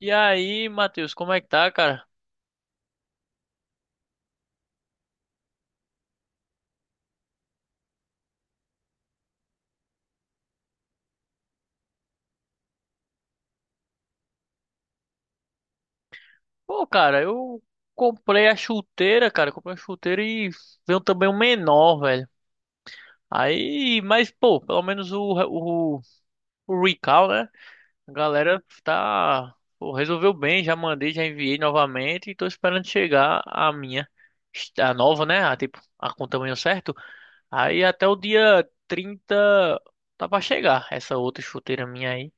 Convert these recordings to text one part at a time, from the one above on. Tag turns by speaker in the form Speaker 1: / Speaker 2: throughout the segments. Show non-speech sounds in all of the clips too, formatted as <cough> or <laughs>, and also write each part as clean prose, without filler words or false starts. Speaker 1: E aí, Matheus, como é que tá, cara? Pô, cara, eu comprei a chuteira, cara. Comprei a chuteira e veio também um menor, velho. Aí, mas, pô, pelo menos o, o recall, né? A galera tá. Pô, resolveu bem, já mandei, já enviei novamente e tô esperando chegar a minha. A nova, né? A, tipo, a com o tamanho certo. Aí até o dia 30 tá pra chegar essa outra chuteira minha aí.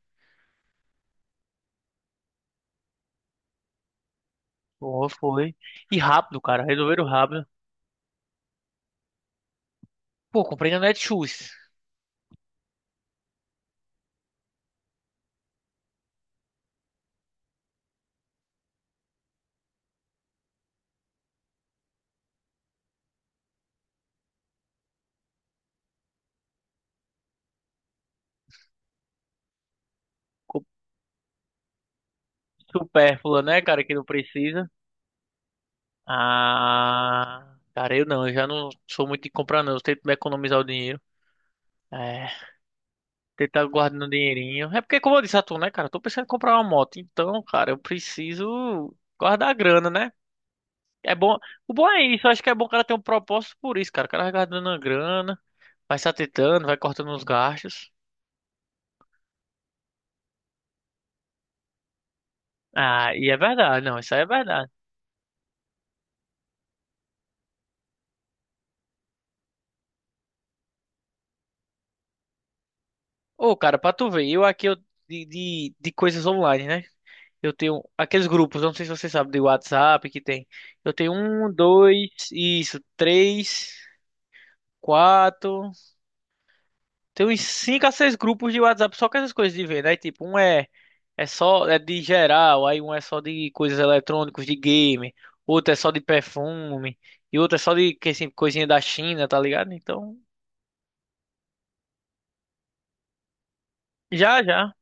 Speaker 1: Pô, foi. E rápido, cara. Resolveram rápido. Pô, comprei na Netshoes. Co- Supérflua, né, cara, que não precisa. Ah, cara, eu não, eu já não sou muito de comprar, não. Eu tento me economizar o dinheiro. É, tentar guardando um dinheirinho. É porque, como eu disse a tu, né, cara, eu tô pensando em comprar uma moto. Então, cara, eu preciso guardar a grana, né? É bom. O bom é isso, eu acho que é bom o cara ter um propósito por isso, cara. O cara vai guardando a grana, vai se atentando, vai cortando os gastos. Ah, e é verdade, não, isso aí é verdade. Ô, cara, pra tu ver, eu aqui eu, de coisas online, né? Eu tenho aqueles grupos, não sei se você sabe, de WhatsApp que tem. Eu tenho um, dois, isso, três, quatro. Tem uns cinco a seis grupos de WhatsApp só com essas coisas de venda. Aí, tipo, um é só é de geral, aí um é só de coisas eletrônicas, de game, outro é só de perfume, e outro é só de que, assim, coisinha da China, tá ligado? Então, já, já.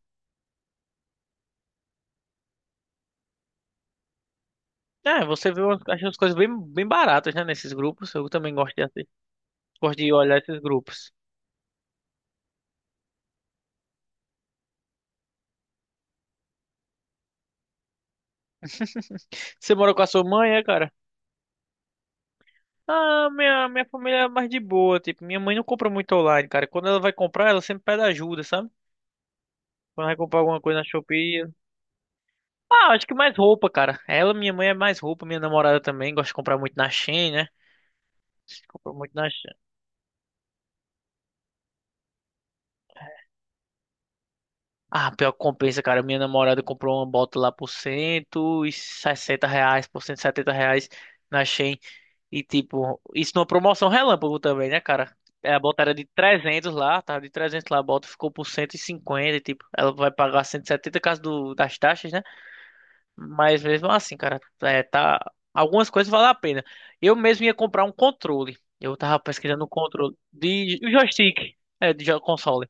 Speaker 1: É, você vê umas, acha as coisas bem, bem baratas, né, nesses grupos. Eu também gosto de olhar esses grupos. <laughs> Você mora com a sua mãe, é, cara? Ah, minha família é mais de boa, tipo, minha mãe não compra muito online, cara. Quando ela vai comprar, ela sempre pede ajuda, sabe? Quando vai comprar alguma coisa na Shopee. Ah, acho que mais roupa, cara. Ela, minha mãe é mais roupa, minha namorada também gosta de comprar muito na Shein, né? Compra muito na. Ah, pior que compensa, cara. Minha namorada comprou uma bota lá por R$ 160, por R$ 170 na Shein. E, tipo, isso numa promoção relâmpago também, né, cara? É, a bota era de 300 lá, tava de 300 lá, a bota ficou por cento e cinquenta e, tipo, ela vai pagar 170 caso das taxas, né? Mas mesmo assim, cara, é, tá. Algumas coisas valem a pena. Eu mesmo ia comprar um controle. Eu tava pesquisando um controle de joystick, é, de console.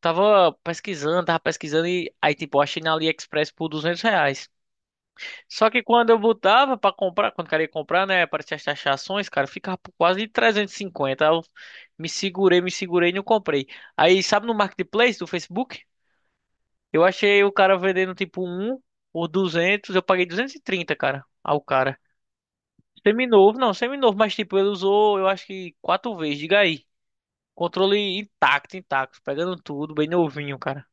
Speaker 1: Tava pesquisando e aí, tipo, eu achei na AliExpress por R$ 200. Só que quando eu botava pra comprar, quando queria comprar, né, para as taxações, cara, ficava por quase 350. Aí eu me segurei e não comprei. Aí, sabe no Marketplace do Facebook? Eu achei o cara vendendo, tipo, um por 200, eu paguei 230, cara, ao cara. Seminovo, não, seminovo, mas, tipo, ele usou, eu acho que quatro vezes, diga aí. Controle intacto, intacto, pegando tudo, bem novinho, cara.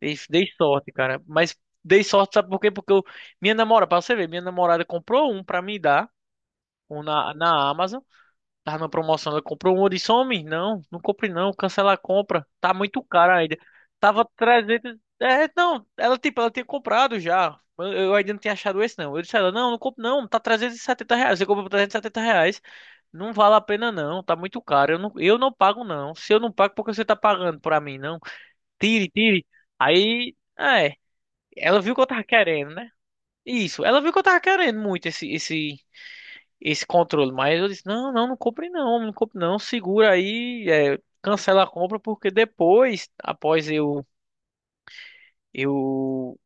Speaker 1: Dei sorte, cara. Mas dei sorte, sabe por quê? Porque eu, minha namorada, pra você ver, minha namorada comprou um pra me dar, um na Amazon. Tava na promoção, ela comprou um. Eu disse, homem, não, não compre não, cancela a compra. Tá muito caro ainda. Tava 300. É, não, ela, tipo, ela tinha comprado já. Eu ainda não tinha achado esse, não. Eu disse a ela, não, não compro não, tá R$ 370. Você comprou por R$ 370. Não vale a pena não, tá muito caro. Eu não pago não. Se eu não pago, por que você tá pagando pra mim, não? Tire, tire. Aí. É, ela viu que eu tava querendo, né? Isso, ela viu que eu tava querendo muito esse, esse controle, mas eu disse, não, não, não compre não, não compre não, segura aí, é, cancela a compra, porque depois, após eu,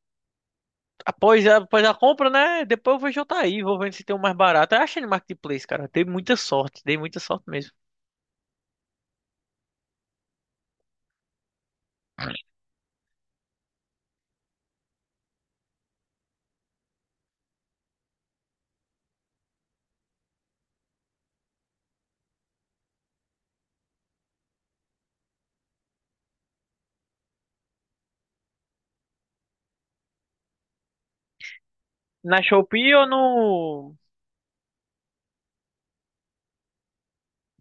Speaker 1: após, a- após a compra, né, depois eu vejo outra aí, vou vendo se tem um mais barato. Eu achei no Marketplace, cara, dei muita sorte mesmo. Na Shopee ou no.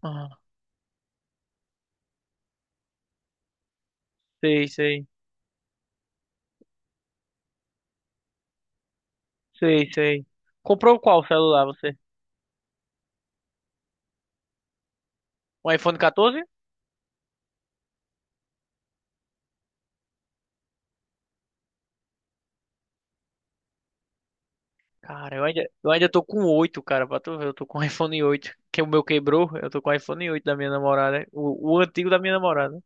Speaker 1: Ah, sei, sei, sei, sei. Comprou qual celular você? Um iPhone 14? Cara, eu ainda tô com 8, cara, pra tu ver, eu tô com <laughs> o iPhone oito que o meu quebrou, eu tô com o iPhone 8 da minha namorada, o antigo da minha namorada.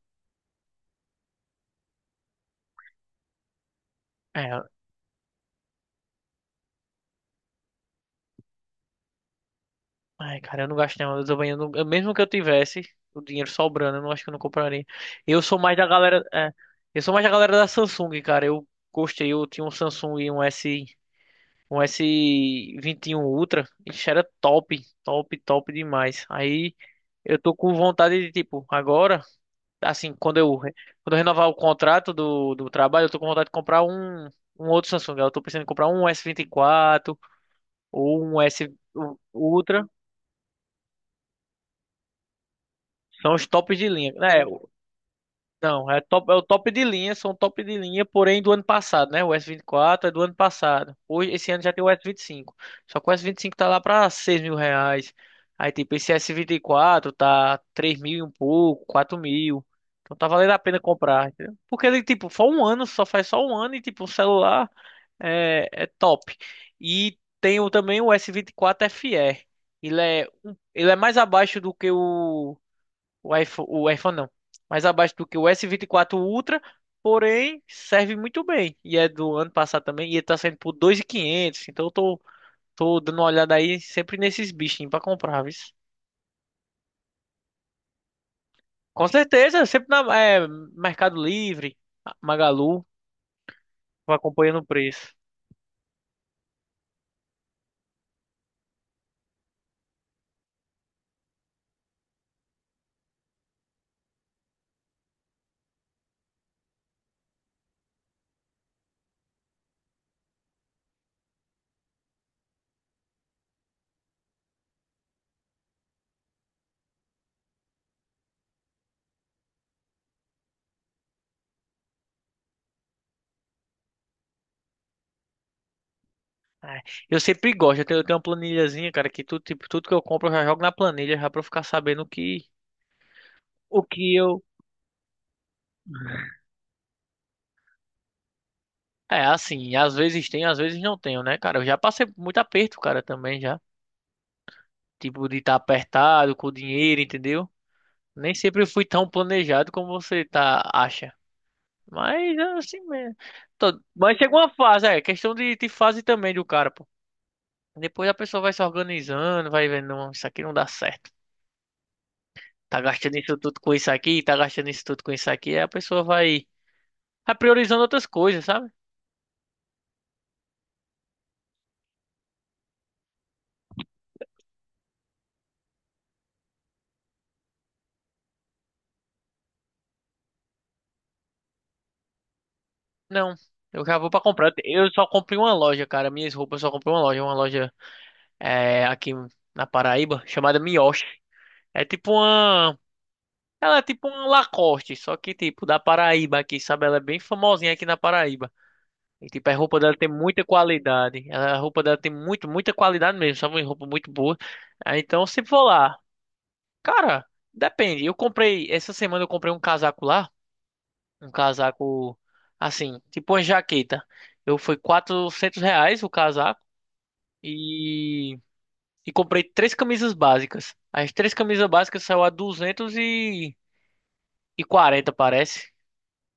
Speaker 1: É, ai, cara, eu não gasto não, eu também, eu não- eu- mesmo que eu tivesse o dinheiro sobrando, eu não acho que eu não compraria. Eu sou mais da galera, é, eu sou mais da galera da Samsung, cara, eu gostei, eu tinha um Samsung, um S21 Ultra, isso era top, top, top demais. Aí, eu tô com vontade de, tipo, agora assim, quando eu renovar o contrato do trabalho, eu tô com vontade de comprar um outro Samsung. Eu tô pensando em comprar um S24 ou um S um Ultra. São os tops de linha, né? Não, é top, é o top de linha, são top de linha, porém do ano passado, né? O S24 é do ano passado. Hoje, esse ano já tem o S25. Só que o S25 tá lá pra R$ 6.000. Aí tipo, esse S24 tá 3.000 e um pouco, 4.000. Então tá valendo a pena comprar, entendeu? Porque ele, tipo, só um ano, só faz só um ano e, tipo, o celular é top. E tem também o S24 FE. Ele é mais abaixo do que o iPhone, o iPhone não. Mais abaixo do que o S24 Ultra, porém serve muito bem. E é do ano passado também. E ele tá saindo por 2.500. Então eu tô dando uma olhada aí sempre nesses bichinhos pra comprar, viu? Com certeza, sempre na Mercado Livre, Magalu, vou acompanhando o preço. É, eu sempre gosto, eu tenho uma planilhazinha, cara, que tudo, tipo, tudo que eu compro eu já jogo na planilha, já pra eu ficar sabendo o que eu. É, assim, às vezes tenho, às vezes não tenho, né, cara? Eu já passei por muito aperto, cara, também já. Tipo, de estar apertado com o dinheiro, entendeu? Nem sempre fui tão planejado como você tá, acha. Mas é assim mesmo. Mas chegou uma fase, é questão de fase também do cara, pô. Depois a pessoa vai se organizando, vai vendo, não, isso aqui não dá certo. Tá gastando isso tudo com isso aqui, tá gastando isso tudo com isso aqui. Aí a pessoa vai priorizando outras coisas, sabe? Não, eu já vou pra comprar. Eu só comprei uma loja, cara. Minhas roupas eu só comprei uma loja. Uma loja aqui na Paraíba, chamada Mioshi. É tipo uma. Ela é tipo um Lacoste, só que tipo da Paraíba aqui, sabe? Ela é bem famosinha aqui na Paraíba. E tipo, a roupa dela tem muita qualidade. A roupa dela tem muito, muita qualidade mesmo, sabe? Uma roupa muito boa. Ah, então, se for lá, cara, depende. Essa semana eu comprei um casaco lá, um casaco assim, tipo uma jaqueta. Eu fui R$ 400 o casaco e, e comprei três camisas básicas. As três camisas básicas saiu a duzentos e quarenta parece.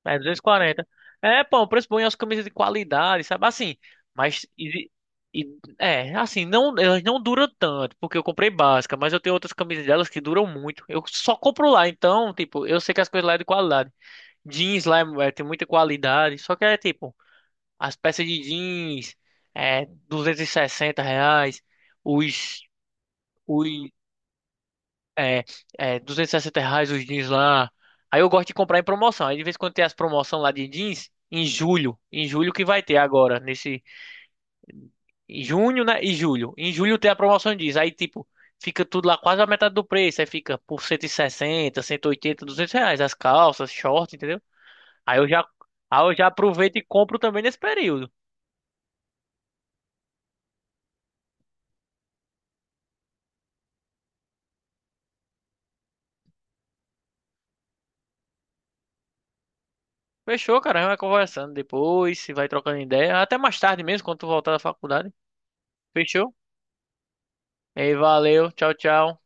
Speaker 1: É, 240. É, pô, um preço bom e as camisas de qualidade, sabe? Assim, mas. É, assim, não, elas não duram tanto, porque eu comprei básica, mas eu tenho outras camisas delas que duram muito. Eu só compro lá, então, tipo, eu sei que as coisas lá é de qualidade. Jeans lá tem muita qualidade, só que é tipo, as peças de jeans, R$ 260, os, os é, R$ 260 os jeans lá. Aí eu gosto de comprar em promoção. Aí de vez em quando tem as promoções lá de jeans, em julho. Em julho que vai ter agora, nesse. Em junho, né? E julho. Em julho tem a promoção de jeans. Aí, tipo, fica tudo lá quase a metade do preço. Aí fica por cento e sessenta, 180, R$ 200. As calças, shorts, entendeu? Aí eu já, aí eu já aproveito e compro também nesse período. Fechou, cara. A gente vai conversando depois, se vai trocando ideia. Até mais tarde mesmo, quando tu voltar da faculdade. Fechou? E aí, valeu. Tchau, tchau.